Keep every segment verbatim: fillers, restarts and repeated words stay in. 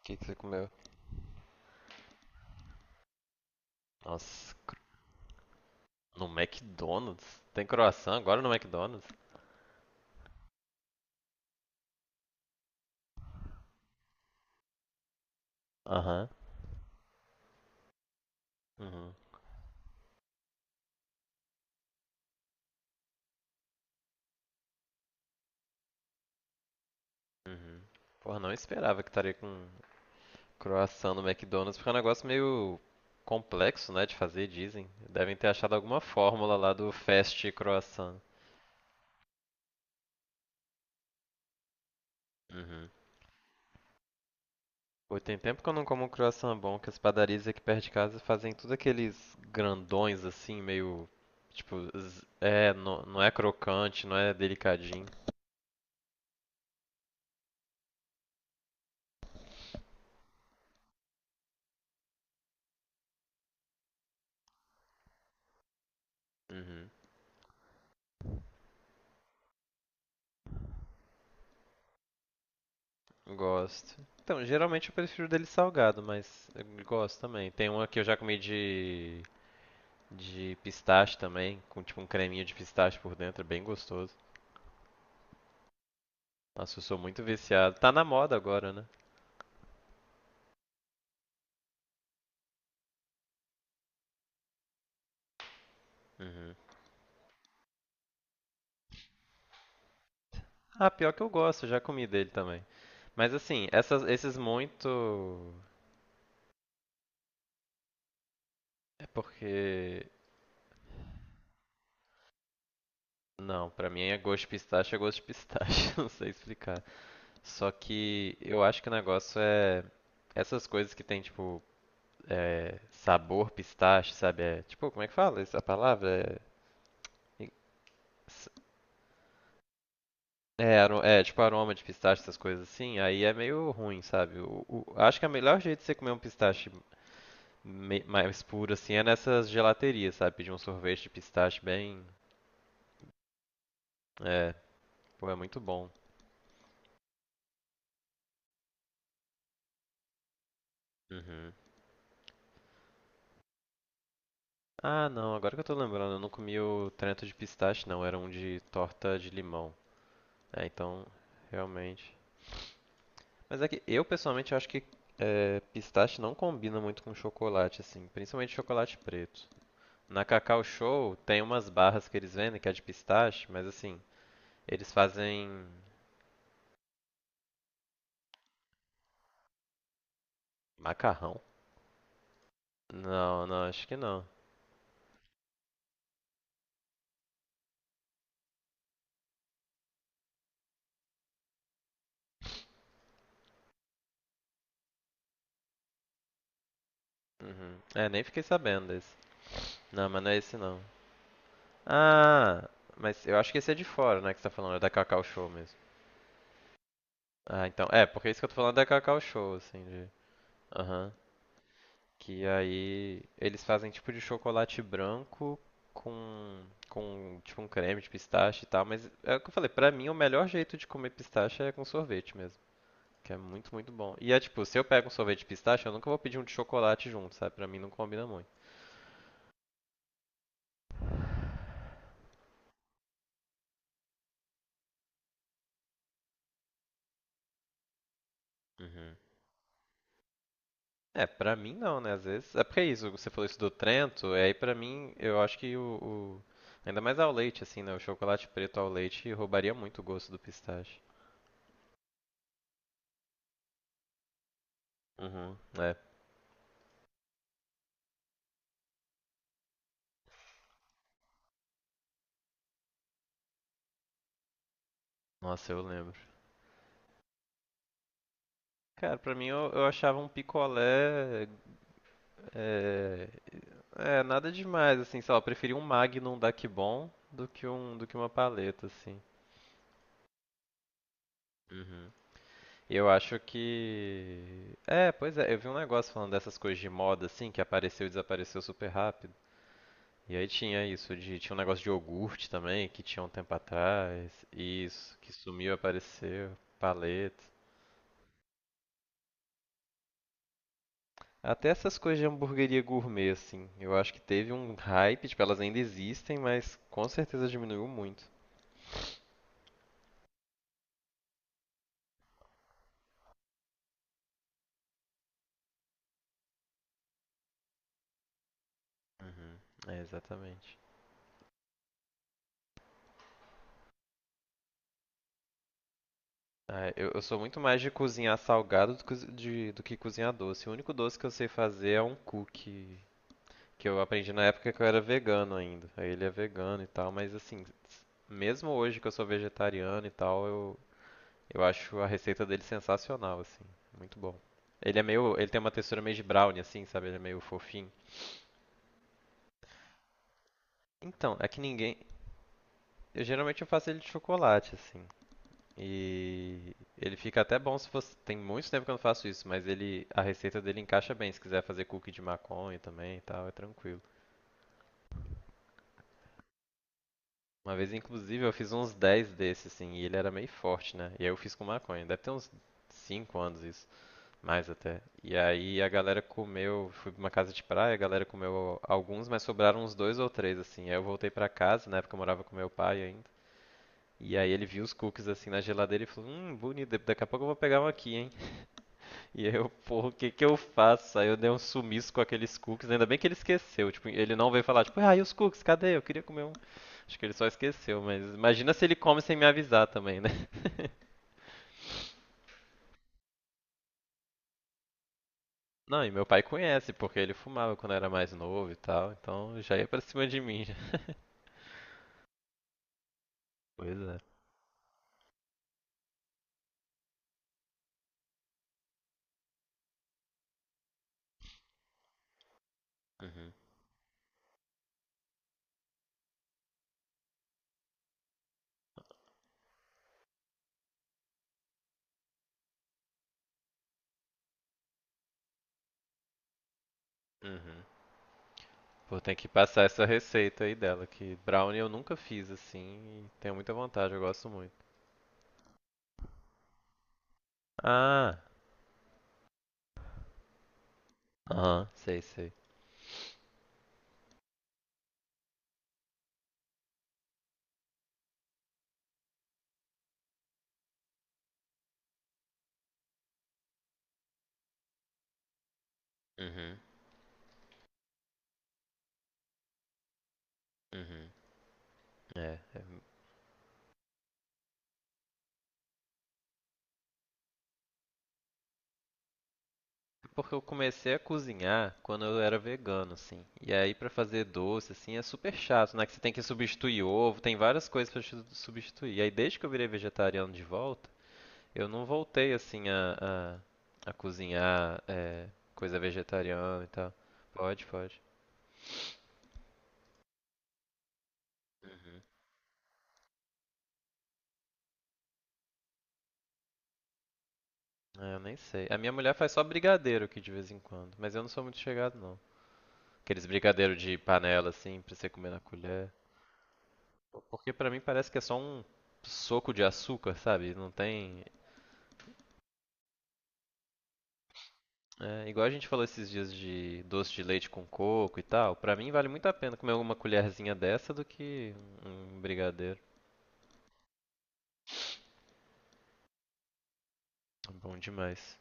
O que, que você comeu? Nossa, no McDonald's? Tem croissant agora no McDonald's? Aham. Uhum. Uhum. Porra, não esperava que estaria com croissant no McDonald's, porque é um negócio meio complexo, né, de fazer, dizem. Devem ter achado alguma fórmula lá do fast croissant. Uhum. Pô, tem tempo que eu não como um croissant bom, que as padarias aqui perto de casa fazem tudo aqueles grandões assim, meio. Tipo, z- é, não, não é crocante, não é delicadinho. Uhum. Gosto. Então, geralmente eu prefiro dele salgado, mas eu gosto também. Tem uma que eu já comi de, de pistache também, com tipo um creminho de pistache por dentro, é bem gostoso. Nossa, eu sou muito viciado. Tá na moda agora, né? Uhum. Ah, pior que eu gosto, eu já comi dele também. Mas assim, essas, esses muito. É porque. Não, pra mim é gosto de pistache, é gosto de pistache, não sei explicar. Só que eu acho que o negócio é. Essas coisas que tem, tipo, é, sabor pistache, sabe? É, tipo, como é que fala essa palavra? É, é, aro- é, tipo aroma de pistache, essas coisas assim. Aí é meio ruim, sabe? O, o- acho que o melhor jeito de você comer um pistache me- mais puro assim é nessas gelaterias, sabe? Pedir um sorvete de pistache bem. É, pô, é muito bom. Uhum. Ah, não, agora que eu tô lembrando, eu não comi o Trento de pistache, não. Era um de torta de limão. É, então, realmente. Mas é que eu pessoalmente acho que é, pistache não combina muito com chocolate, assim, principalmente chocolate preto. Na Cacau Show tem umas barras que eles vendem que é de pistache, mas assim, eles fazem macarrão? Não, não, acho que não. Uhum. É, nem fiquei sabendo desse. Não, mas não é esse não. Ah, mas eu acho que esse é de fora, né, que você tá falando, é da Cacau Show mesmo. Ah, então, é, porque é isso que eu tô falando é da Cacau Show, assim, de... Aham. Que aí eles fazem tipo de chocolate branco com, com tipo um creme de pistache e tal. Mas é o que eu falei, pra mim o melhor jeito de comer pistache é com sorvete mesmo. Que é muito, muito bom. E é tipo, se eu pego um sorvete de pistache, eu nunca vou pedir um de chocolate junto, sabe? Pra mim não combina muito. Uhum. É, pra mim não, né? Às vezes. É porque é isso, você falou isso do Trento, e aí pra mim eu acho que o, o- ainda mais ao leite, assim, né? O chocolate preto ao leite roubaria muito o gosto do pistache. Uhum. É. Nossa, eu lembro. Cara, pra mim eu, eu achava um picolé. É, é, nada demais, assim, sei lá, eu preferi um Magnum da Kibon do que um, do que uma paleta, assim. Uhum. E Eu acho que. É, pois é, eu vi um negócio falando dessas coisas de moda, assim, que apareceu e desapareceu super rápido. E aí tinha isso, de, tinha um negócio de iogurte também, que tinha um tempo atrás. Isso, que sumiu e apareceu. Paleta. Até essas coisas de hamburgueria gourmet, assim, eu acho que teve um hype, tipo, elas ainda existem, mas com certeza diminuiu muito. Uhum, é, exatamente. Ah, eu, eu sou muito mais de cozinhar salgado do, cozi- de- do que cozinhar doce. O único doce que eu sei fazer é um cookie, que eu aprendi na época que eu era vegano ainda. Aí ele é vegano e tal, mas assim, mesmo hoje que eu sou vegetariano e tal, eu, eu acho a receita dele sensacional, assim, muito bom. Ele é meio, ele tem uma textura meio de brownie, assim, sabe? Ele é meio fofinho. Então, é que ninguém. Eu geralmente eu faço ele de chocolate, assim. E ele fica até bom se fosse. Tem muito tempo que eu não faço isso, mas ele. A receita dele encaixa bem. Se quiser fazer cookie de maconha também e tal, é tranquilo. Uma vez, inclusive, eu fiz uns dez desses, assim, e ele era meio forte, né? E aí eu fiz com maconha. Deve ter uns cinco anos isso, mais até. E aí a galera comeu. Fui pra uma casa de praia, a galera comeu alguns, mas sobraram uns dois ou três, assim. Aí eu voltei pra casa, na época eu morava com meu pai ainda. E aí ele viu os cookies assim na geladeira e falou, hum, bonito, daqui a pouco eu vou pegar um aqui, hein? E aí eu, porra, o que que eu faço? Aí eu dei um sumiço com aqueles cookies, ainda bem que ele esqueceu, tipo, ele não veio falar, tipo, ah, e os cookies, cadê? Eu queria comer um. Acho que ele só esqueceu, mas imagina se ele come sem me avisar também, né? Não, e meu pai conhece, porque ele fumava quando era mais novo e tal, então já ia pra cima de mim. Já. Pois é. Uhum. Uhum. Pô, tem que passar essa receita aí dela, que brownie eu nunca fiz assim, e tenho muita vontade, eu gosto muito. Ah, aham, sei, sei. Uhum, uhum. É, é porque eu comecei a cozinhar quando eu era vegano, assim. E aí pra fazer doce, assim, é super chato, né? Que você tem que substituir ovo, tem várias coisas pra chu- substituir. E aí desde que eu virei vegetariano de volta, eu não voltei, assim, a, a, a cozinhar é, coisa vegetariana e tal. Pode, pode. Uhum. É, eu nem sei. A minha mulher faz só brigadeiro aqui de vez em quando, mas eu não sou muito chegado, não. Aqueles brigadeiros de panela, assim, pra você comer na colher. Porque pra mim parece que é só um soco de açúcar, sabe? Não tem. É, igual a gente falou esses dias de doce de leite com coco e tal. Pra mim vale muito a pena comer uma colherzinha dessa do que um brigadeiro. Bom demais.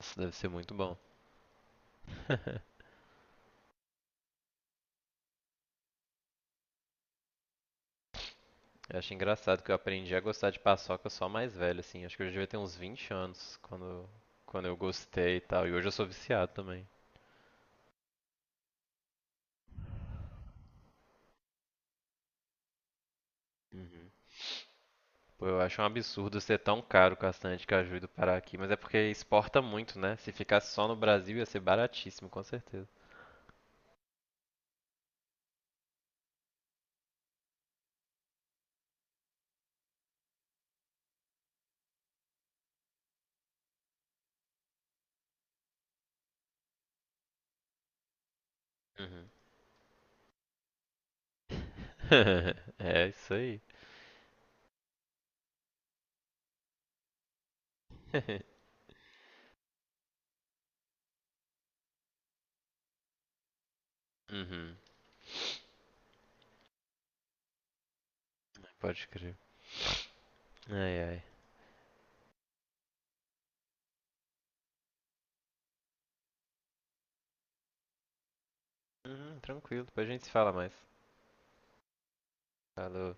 Isso deve ser muito bom. Eu acho engraçado que eu aprendi a gostar de paçoca só mais velho, assim. Acho que eu já devia ter uns vinte anos quando, quando eu gostei e tal. E hoje eu sou viciado também. Uhum. Pô, eu acho um absurdo ser tão caro o castanha de caju do Pará aqui, mas é porque exporta muito, né? Se ficasse só no Brasil ia ser baratíssimo, com certeza. Uhum. É isso aí. Uhum. Pode crer. Ai, ai. Uhum, tranquilo, depois a gente se fala mais. Falou.